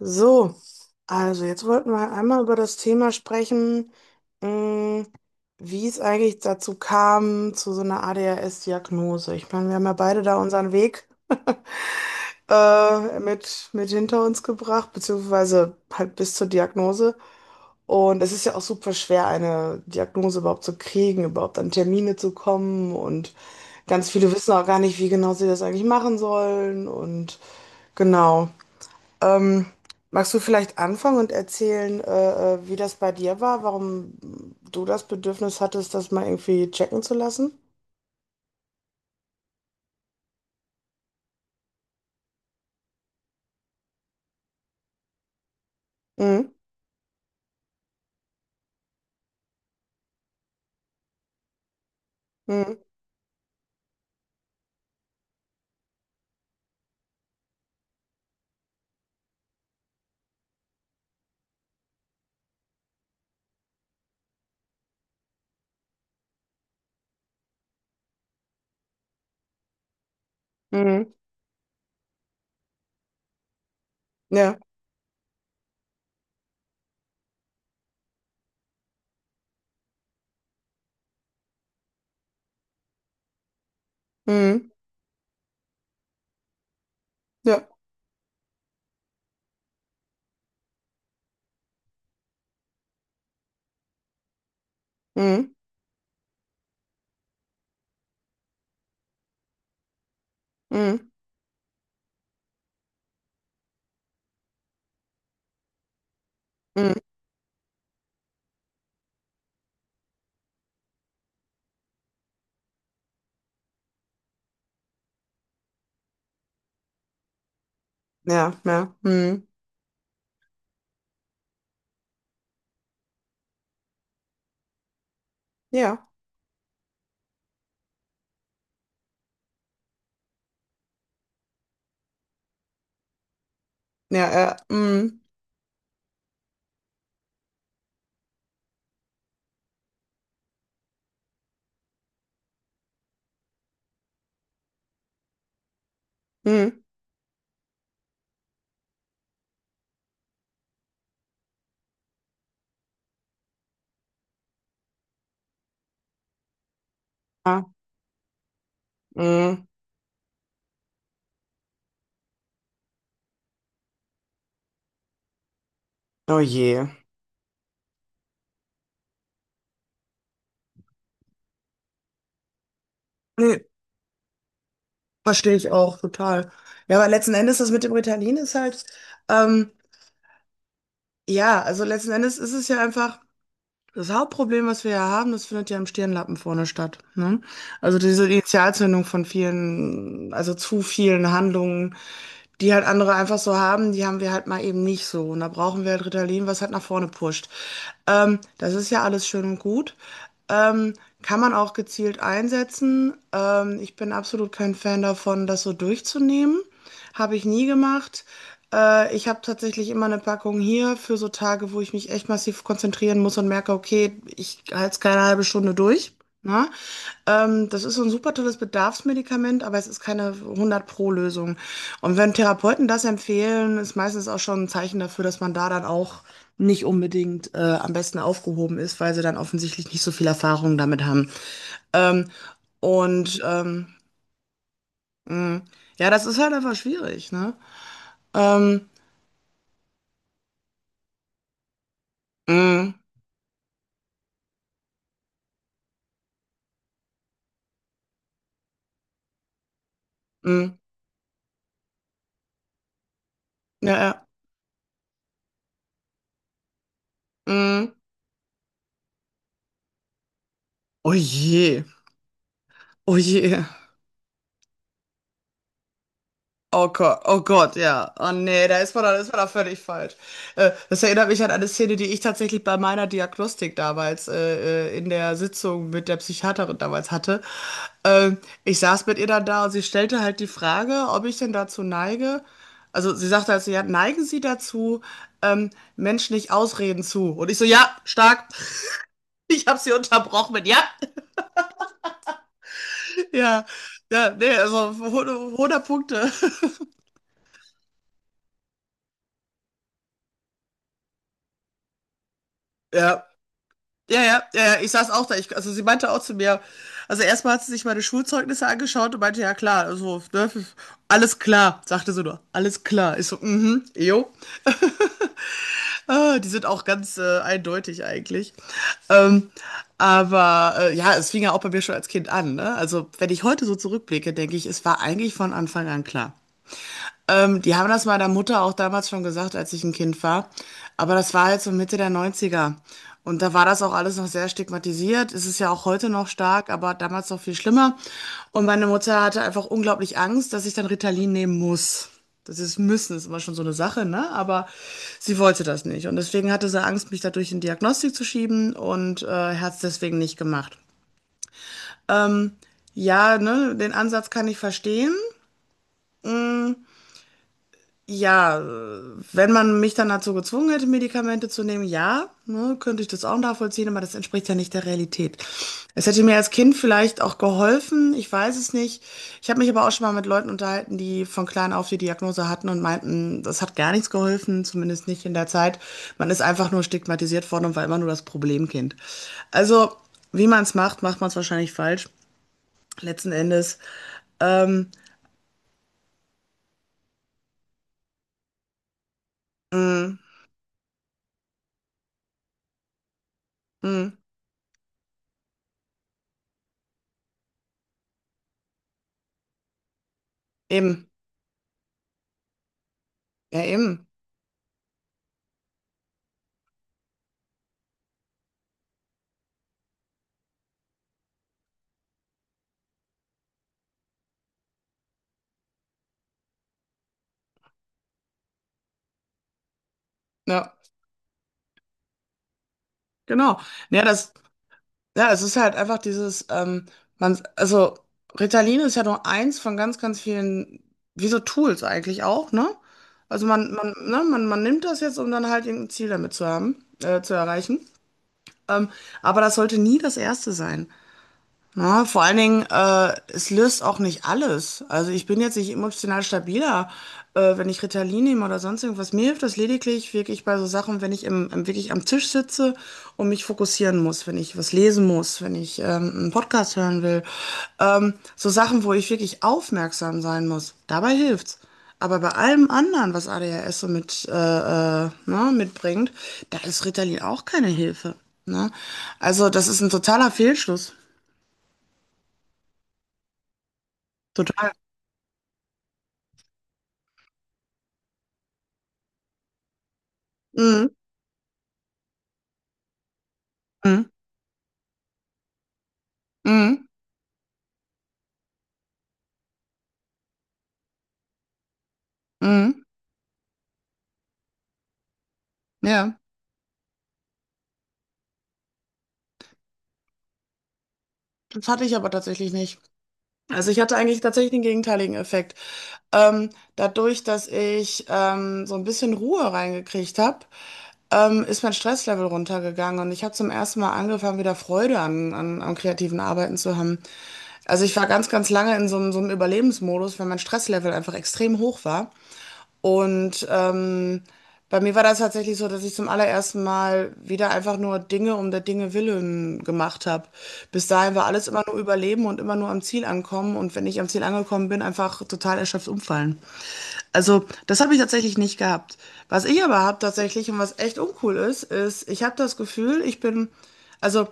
So, also jetzt wollten wir einmal über das Thema sprechen, mh, wie es eigentlich dazu kam, zu so einer ADHS-Diagnose. Ich meine, wir haben ja beide da unseren Weg mit hinter uns gebracht, beziehungsweise halt bis zur Diagnose. Und es ist ja auch super schwer, eine Diagnose überhaupt zu kriegen, überhaupt an Termine zu kommen. Und ganz viele wissen auch gar nicht, wie genau sie das eigentlich machen sollen. Und genau. Ähm, Magst du vielleicht anfangen und erzählen, wie das bei dir war, warum du das Bedürfnis hattest, das mal irgendwie checken zu lassen? Mhm. Mhm. Mhm. Ja. Mhm. Ja. Mhm. Mhm. Mhm. Ja. Ja. Mhm. Ja. Ja. Mhm. Mhm. Ah. Mhm. Oh je. Nee, verstehe ich auch total. Ja, aber letzten Endes das mit dem Ritalin ist halt, ähm, ja, also letzten Endes ist es ja einfach. Das Hauptproblem, was wir ja haben, das findet ja im Stirnlappen vorne statt. Ne? Also diese Initialzündung von vielen, also zu vielen Handlungen, die halt andere einfach so haben, die haben wir halt mal eben nicht so. Und da brauchen wir halt Ritalin, was halt nach vorne pusht. Das ist ja alles schön und gut. Ähm, Kann man auch gezielt einsetzen. Ich bin absolut kein Fan davon, das so durchzunehmen. Habe ich nie gemacht. Ich habe tatsächlich immer eine Packung hier für so Tage, wo ich mich echt massiv konzentrieren muss und merke, okay, ich halte es keine halbe Stunde durch. Ne? Das ist so 'n super tolles Bedarfsmedikament, aber es ist keine 100 Pro Lösung. Und wenn Therapeuten das empfehlen, ist meistens auch schon ein Zeichen dafür, dass man da dann auch nicht unbedingt, am besten aufgehoben ist, weil sie dann offensichtlich nicht so viel Erfahrung damit haben. Ähm, und, mhm, ja, das ist halt einfach schwierig, ne? Ähm, mhm, mhm, ja, ja, mhm. Oh je, oh je. Oh Gott, ja. Oh nee, da ist man da völlig falsch. Das erinnert mich an eine Szene, die ich tatsächlich bei meiner Diagnostik damals in der Sitzung mit der Psychiaterin damals hatte. Ähm, Ich saß mit ihr dann da und sie stellte halt die Frage, ob ich denn dazu neige. Also sie sagte halt so, ja, neigen Sie dazu, Menschen nicht Ausreden zu. Und ich so, ja, stark. Ich habe sie unterbrochen mit, ja, ja, ja, nee, also hundert Punkte. Ja. Ja, ja, ja, ja, ich saß auch da. Also sie meinte auch zu mir, also erstmal hat sie sich meine Schulzeugnisse angeschaut und meinte, ja klar, also, ne, alles klar, sagte sie nur, alles klar. Ich so, mhm, jo. Ah, die sind auch ganz eindeutig eigentlich. Ähm, aber ja, es fing ja auch bei mir schon als Kind an, ne? Also wenn ich heute so zurückblicke, denke ich, es war eigentlich von Anfang an klar. Die haben das meiner Mutter auch damals schon gesagt, als ich ein Kind war. Aber das war halt so Mitte der Neunziger. Und da war das auch alles noch sehr stigmatisiert. Es ist ja auch heute noch stark, aber damals noch viel schlimmer. Und meine Mutter hatte einfach unglaublich Angst, dass ich dann Ritalin nehmen muss. Das ist müssen, ist immer schon so eine Sache, ne? Aber sie wollte das nicht. Und deswegen hatte sie Angst, mich dadurch in Diagnostik zu schieben und hat es deswegen nicht gemacht. Ähm, ja, ne, den Ansatz kann ich verstehen. Ja, wenn man mich dann dazu gezwungen hätte, Medikamente zu nehmen, ja, ne, könnte ich das auch nachvollziehen, aber das entspricht ja nicht der Realität. Es hätte mir als Kind vielleicht auch geholfen, ich weiß es nicht. Ich habe mich aber auch schon mal mit Leuten unterhalten, die von klein auf die Diagnose hatten und meinten, das hat gar nichts geholfen, zumindest nicht in der Zeit. Man ist einfach nur stigmatisiert worden und war immer nur das Problemkind. Also, wie man es macht, macht man es wahrscheinlich falsch, letzten Endes. Ähm, mh, mh, eben, ja, eben. Ja. Genau. Ja, das, ja, es ist halt einfach dieses, man, also Ritalin ist ja nur eins von ganz, ganz vielen, wie so Tools eigentlich auch, ne? Also man, ne, man nimmt das jetzt, um dann halt irgendein Ziel damit zu haben, zu erreichen. Ähm, aber das sollte nie das erste sein. Ja, vor allen Dingen, es löst auch nicht alles. Also ich bin jetzt nicht emotional stabiler, wenn ich Ritalin nehme oder sonst irgendwas. Mir hilft das lediglich wirklich bei so Sachen, wenn ich wirklich am Tisch sitze und mich fokussieren muss, wenn ich was lesen muss, wenn ich einen Podcast hören will. So Sachen, wo ich wirklich aufmerksam sein muss. Dabei hilft's. Aber bei allem anderen, was ADHS so mit, ne, mitbringt, da ist Ritalin auch keine Hilfe. Ne? Also das ist ein totaler Fehlschluss. Total. Mhm. Mhm. Mhm. Mhm. Ja, das hatte ich aber tatsächlich nicht. Also ich hatte eigentlich tatsächlich den gegenteiligen Effekt. Ähm, Dadurch, dass ich so ein bisschen Ruhe reingekriegt habe, ist mein Stresslevel runtergegangen und ich habe zum ersten Mal angefangen, wieder Freude am kreativen Arbeiten zu haben. Also ich war ganz, ganz lange in so einem Überlebensmodus, weil mein Stresslevel einfach extrem hoch war. Und bei mir war das tatsächlich so, dass ich zum allerersten Mal wieder einfach nur Dinge um der Dinge willen gemacht habe. Bis dahin war alles immer nur Überleben und immer nur am Ziel ankommen. Und wenn ich am Ziel angekommen bin, einfach total erschöpft umfallen. Also das habe ich tatsächlich nicht gehabt. Was ich aber habe tatsächlich und was echt uncool ist, ist, ich habe das Gefühl, ich bin, also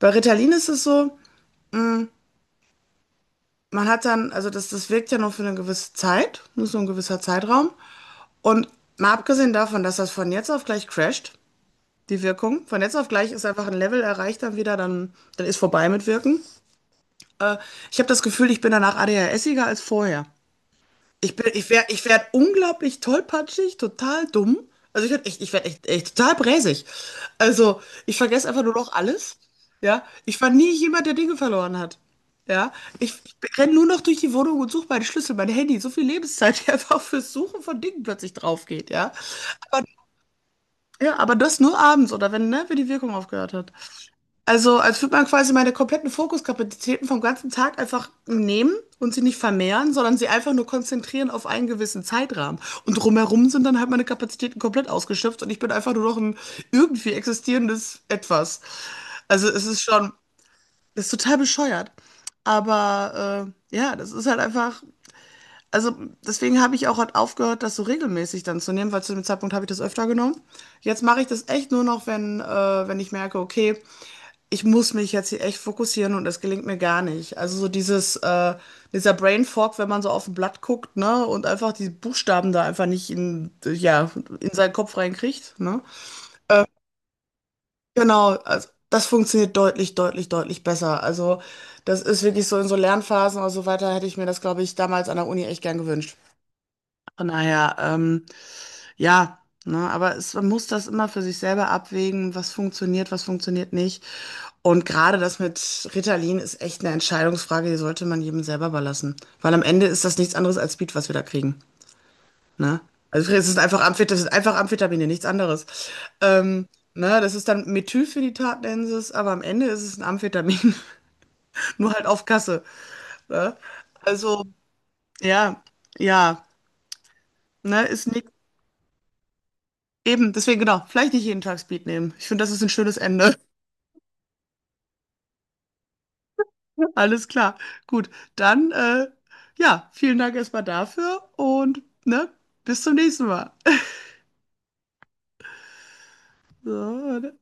bei Ritalin ist es so, man hat dann, also das wirkt ja nur für eine gewisse Zeit, nur so ein gewisser Zeitraum. Und mal abgesehen davon, dass das von jetzt auf gleich crasht, die Wirkung, von jetzt auf gleich ist einfach ein Level erreicht dann wieder, dann ist vorbei mit Wirken. Äh, Ich habe das Gefühl, ich bin danach ADHSiger als vorher. Ich werd unglaublich tollpatschig, total dumm. Also ich werd echt, echt total bräsig. Also ich vergesse einfach nur noch alles. Ja, ich war nie jemand, der Dinge verloren hat. Ja, ich renne nur noch durch die Wohnung und suche meine Schlüssel, mein Handy, so viel Lebenszeit, die einfach fürs Suchen von Dingen plötzlich drauf geht, ja. Aber ja, aber das nur abends oder wenn, ne, wenn die Wirkung aufgehört hat. Also, als würde man quasi meine kompletten Fokuskapazitäten vom ganzen Tag einfach nehmen und sie nicht vermehren, sondern sie einfach nur konzentrieren auf einen gewissen Zeitrahmen. Und drumherum sind dann halt meine Kapazitäten komplett ausgeschöpft und ich bin einfach nur noch ein irgendwie existierendes Etwas. Also, es ist schon, es ist total bescheuert. Aber ja, das ist halt einfach. Also deswegen habe ich auch halt aufgehört, das so regelmäßig dann zu nehmen, weil zu dem Zeitpunkt habe ich das öfter genommen. Jetzt mache ich das echt nur noch, wenn, wenn ich merke, okay, ich muss mich jetzt hier echt fokussieren und das gelingt mir gar nicht. Also so dieses, dieser Brain Fog, wenn man so auf ein Blatt guckt, ne, und einfach die Buchstaben da einfach nicht in, ja, in seinen Kopf reinkriegt, ne. Genau, also das funktioniert deutlich, deutlich, deutlich besser. Also das ist wirklich so in so Lernphasen oder so weiter, hätte ich mir das, glaube ich, damals an der Uni echt gern gewünscht. Von daher, ja, ne, aber es, man muss das immer für sich selber abwägen, was funktioniert nicht. Und gerade das mit Ritalin ist echt eine Entscheidungsfrage, die sollte man jedem selber überlassen. Weil am Ende ist das nichts anderes als Speed, was wir da kriegen. Ne? Also es ist einfach Amphet das ist einfach Amphetamine, nichts anderes. Ähm, ne, das ist dann Methylphenidat nennen sie es, aber am Ende ist es ein Amphetamin, nur halt auf Kasse. Ne? Also, ja, ja, ne, ist nicht, eben, deswegen genau, vielleicht nicht jeden Tag Speed nehmen. Ich finde, das ist ein schönes Ende. Alles klar. Gut, dann ja, vielen Dank erstmal dafür und ne, bis zum nächsten Mal. So, ne?